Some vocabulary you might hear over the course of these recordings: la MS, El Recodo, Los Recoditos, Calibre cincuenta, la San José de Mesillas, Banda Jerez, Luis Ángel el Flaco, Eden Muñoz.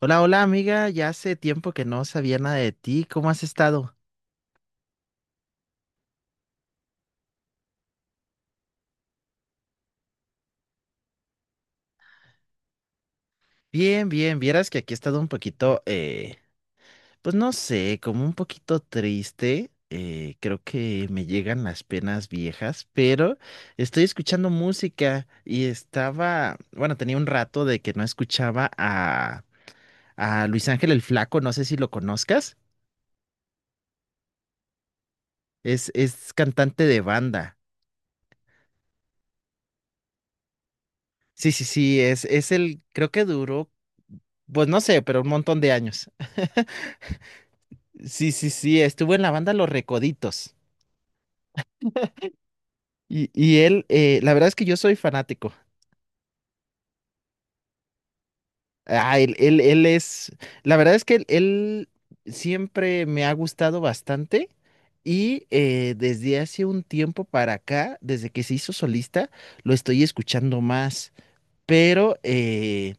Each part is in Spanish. Hola, hola amiga, ya hace tiempo que no sabía nada de ti, ¿cómo has estado? Bien, bien, vieras que aquí he estado un poquito, pues no sé, como un poquito triste, creo que me llegan las penas viejas, pero estoy escuchando música y estaba, bueno, tenía un rato de que no escuchaba a Luis Ángel el Flaco, no sé si lo conozcas, es cantante de banda. Sí, sí, sí, es el, creo que duró, pues no sé, pero un montón de años. Sí, sí, sí, estuvo en la banda Los Recoditos. Y él, la verdad es que yo soy fanático. Ah, él es, la verdad es que él siempre me ha gustado bastante y desde hace un tiempo para acá, desde que se hizo solista, lo estoy escuchando más. Pero,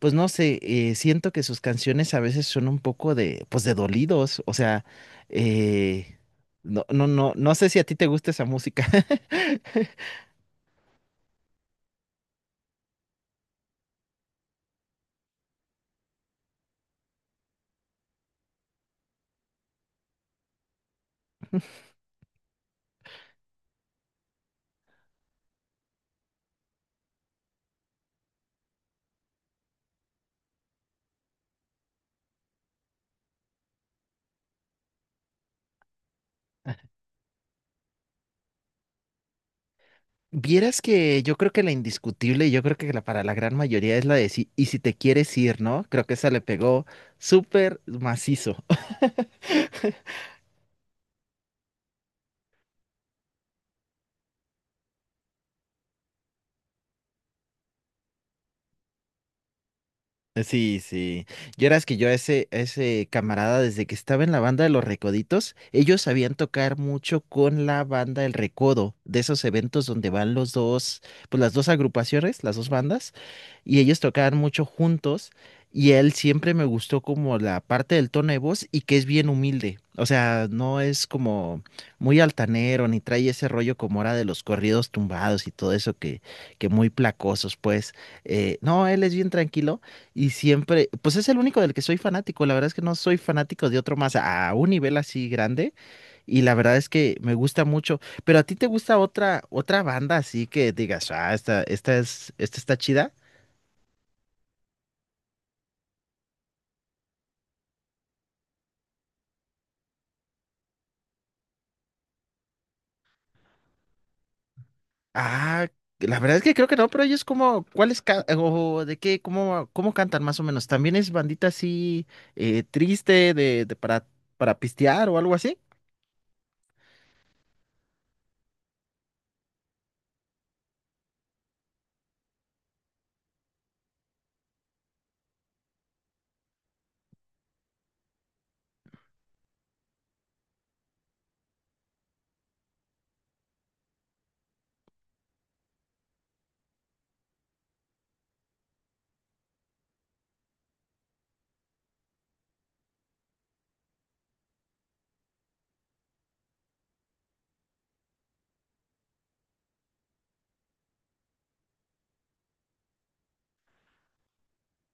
pues no sé, siento que sus canciones a veces son un poco de, pues de dolidos. O sea, eh, no, no, no, no sé si a ti te gusta esa música. Vieras que yo creo que la indiscutible, y yo creo que la, para la gran mayoría es la de sí, y si te quieres ir, ¿no? Creo que esa le pegó súper macizo. Sí, sí. Yo era que yo a ese camarada, desde que estaba en la banda de los Recoditos, ellos sabían tocar mucho con la banda El Recodo, de esos eventos donde van los dos, pues las dos agrupaciones, las dos bandas, y ellos tocaban mucho juntos, y él siempre me gustó como la parte del tono de voz y que es bien humilde. O sea, no es como muy altanero, ni trae ese rollo como era de los corridos tumbados y todo eso que, muy placosos, pues. No, él es bien tranquilo. Y siempre, pues es el único del que soy fanático. La verdad es que no soy fanático de otro más a un nivel así grande. Y la verdad es que me gusta mucho. Pero a ti te gusta otra banda así que digas: ah, esta está chida. Ah, la verdad es que creo que no, pero ellos como, ¿ o de qué, cómo cantan más o menos? ¿También es bandita así triste para pistear o algo así?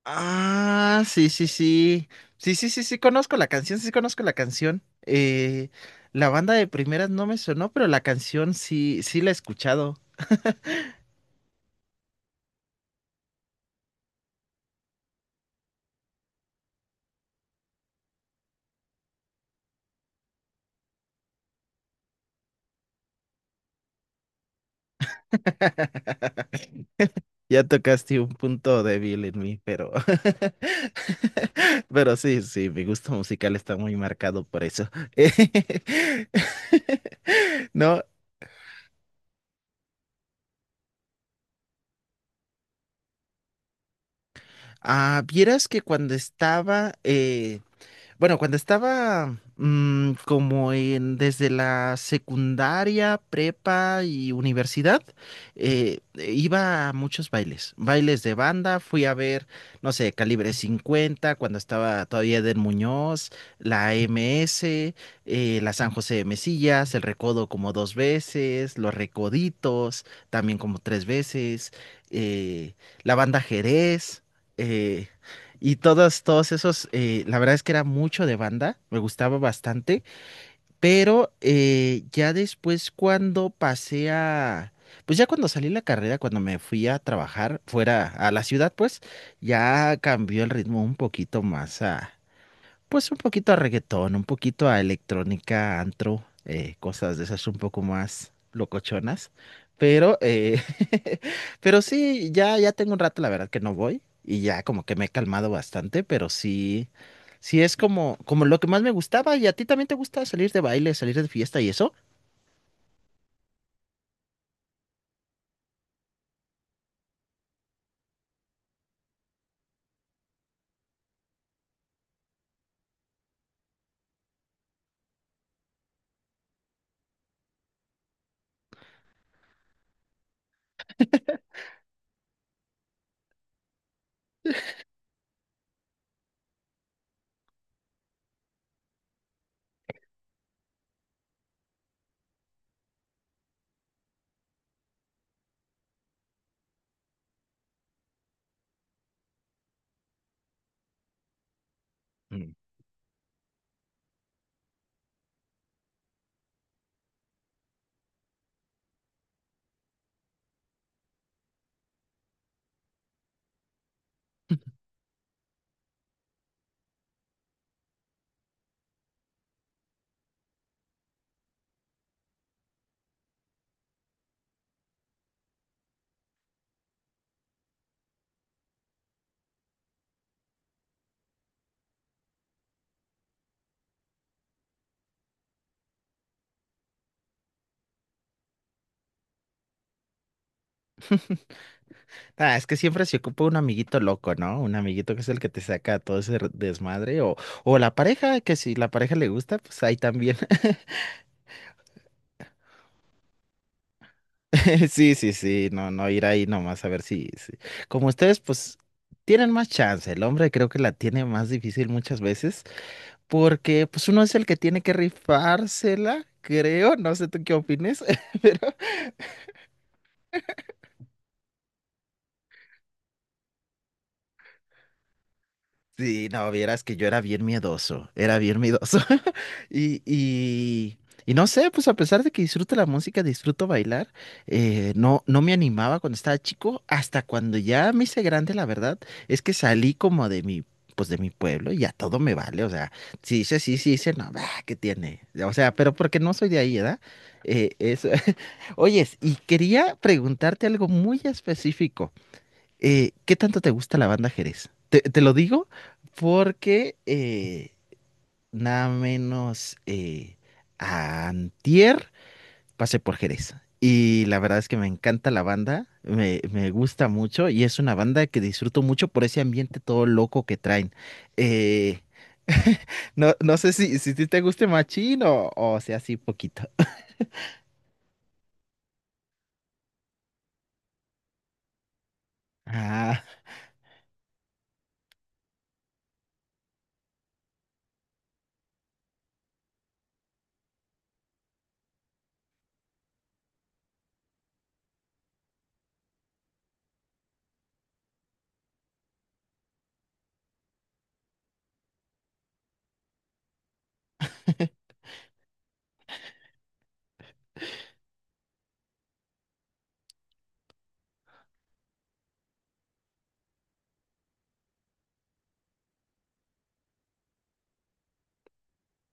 Ah, sí, sí, sí. Sí, sí, sí, sí, conozco la canción, sí conozco la canción. La banda de primeras no me sonó, pero la canción sí, sí la he escuchado. Ya tocaste un punto débil en mí, pero, pero sí, sí, mi gusto musical está muy marcado por eso. No, ah, vieras que cuando estaba bueno, cuando estaba como en desde la secundaria, prepa y universidad, eh, iba a muchos bailes, bailes de banda, fui a ver, no sé, Calibre 50 cuando estaba todavía Eden Muñoz, la MS, la San José de Mesillas, el Recodo como dos veces, los Recoditos también como tres veces, eh, la banda Jerez. eh, y todos esos, la verdad es que era mucho de banda, me gustaba bastante, pero ya después cuando pues ya cuando salí de la carrera, cuando me fui a trabajar fuera a la ciudad, pues ya cambió el ritmo un poquito pues un poquito a reggaetón, un poquito a electrónica, antro, cosas de esas un poco más locochonas. Pero, eh, pero sí, ya tengo un rato, la verdad, que no voy. Y ya como que me he calmado bastante, pero sí, sí es como lo que más me gustaba. ¿Y a ti también te gusta salir de baile, salir de fiesta y eso? Mm. Ah, es que siempre se ocupa un amiguito loco, ¿no? Un amiguito que es el que te saca todo ese desmadre o, la pareja, que si la pareja le gusta, pues ahí también. Sí, sí, sí, no, no ir ahí nomás a ver como ustedes, pues, tienen más chance. El hombre creo que la tiene más difícil muchas veces, porque pues uno es el que tiene que rifársela, creo. No sé tú qué opines, pero sí, no, vieras que yo era bien miedoso, era bien miedoso. Y, y, y no sé, pues a pesar de que disfruto la música, disfruto bailar, no me animaba cuando estaba chico, hasta cuando ya me hice grande, la verdad, es que salí como pues de mi pueblo y ya todo me vale, o sea, si dice sí, si dice no, bah, ¿qué tiene? O sea, pero porque no soy de ahí, ¿verdad? Eso. Oyes, y quería preguntarte algo muy específico ¿qué tanto te gusta la banda Jerez? Te lo digo porque nada menos antier pasé por Jerez. Y la verdad es que me encanta la banda, me gusta mucho y es una banda que disfruto mucho por ese ambiente todo loco que traen. Eh, no sé si te guste machín o sea así poquito. Ah,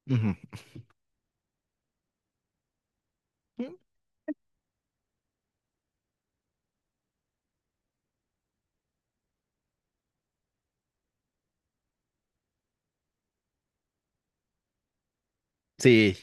ujú. Sí.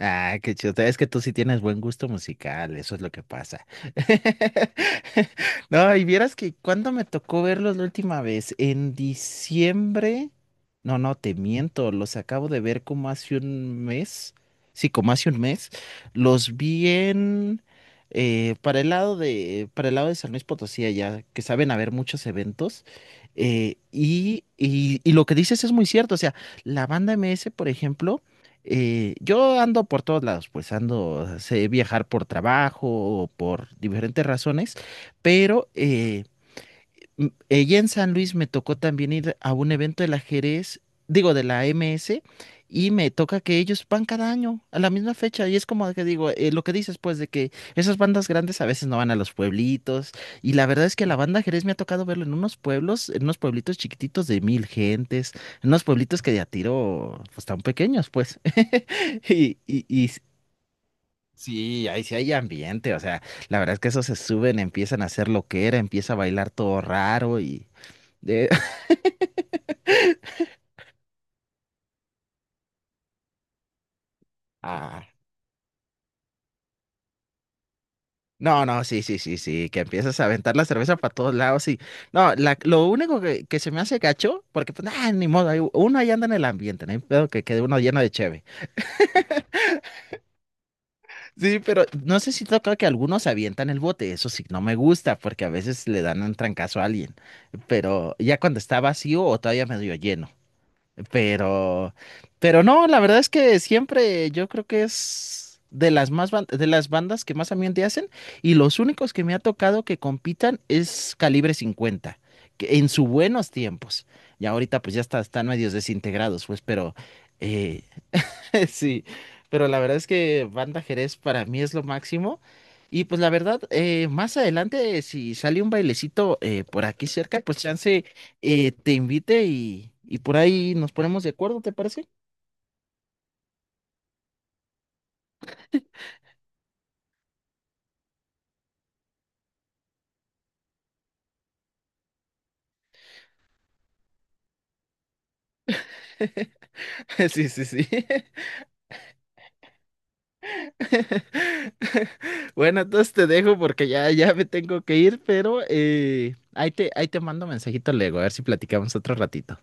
Ah, qué chido. Es que tú sí tienes buen gusto musical, eso es lo que pasa. No, y vieras que cuando me tocó verlos la última vez, en diciembre. No, no, te miento, los acabo de ver como hace un mes. Sí, como hace un mes. Los vi en para el lado de San Luis Potosí, allá, que saben haber muchos eventos. Y lo que dices es muy cierto. O sea, la banda M S, por ejemplo. Yo ando por todos lados, pues ando, sé viajar por trabajo o por diferentes razones, pero ella en San Luis me tocó también ir a un evento del ajedrez, digo, de la MS, y me toca que ellos van cada año a la misma fecha. Y es como que digo, lo que dices, pues, de que esas bandas grandes a veces no van a los pueblitos. Y la verdad es que la banda ajedrez me ha tocado verlo en unos pueblos, en unos pueblitos chiquititos de 1,000 gentes, en unos pueblitos que de a tiro, pues, tan pequeños, pues. Y sí, ahí sí hay ambiente, o sea. La verdad es que esos se suben, empiezan a hacer lo que era, empieza a bailar todo raro y, de. Ah, no, no, sí, sí, sí, sí, que empiezas a aventar la cerveza para todos lados y no, lo único que, se me hace gacho, porque pues ah, ni modo, uno ahí anda en el ambiente, no hay pedo que quede uno lleno de cheve. Sí, pero no sé si toca que algunos avientan el bote, eso sí, no me gusta porque a veces le dan un trancazo a alguien, pero ya cuando está vacío o todavía medio lleno. Pero, no, la verdad es que siempre yo creo que es de las de las bandas que más ambiente hacen y los únicos que me ha tocado que compitan es Calibre 50 que en sus buenos tiempos. Y ahorita pues están medios desintegrados, pues, eh, sí, pero la verdad es que Banda Jerez para mí es lo máximo. Y pues la verdad, más adelante, si sale un bailecito por aquí cerca, pues chance te invite y por ahí nos ponemos de acuerdo, ¿te parece? Sí, sí, sí. Bueno, entonces te dejo porque ya me tengo que ir, pero ahí te mando mensajito luego, a ver si platicamos otro ratito.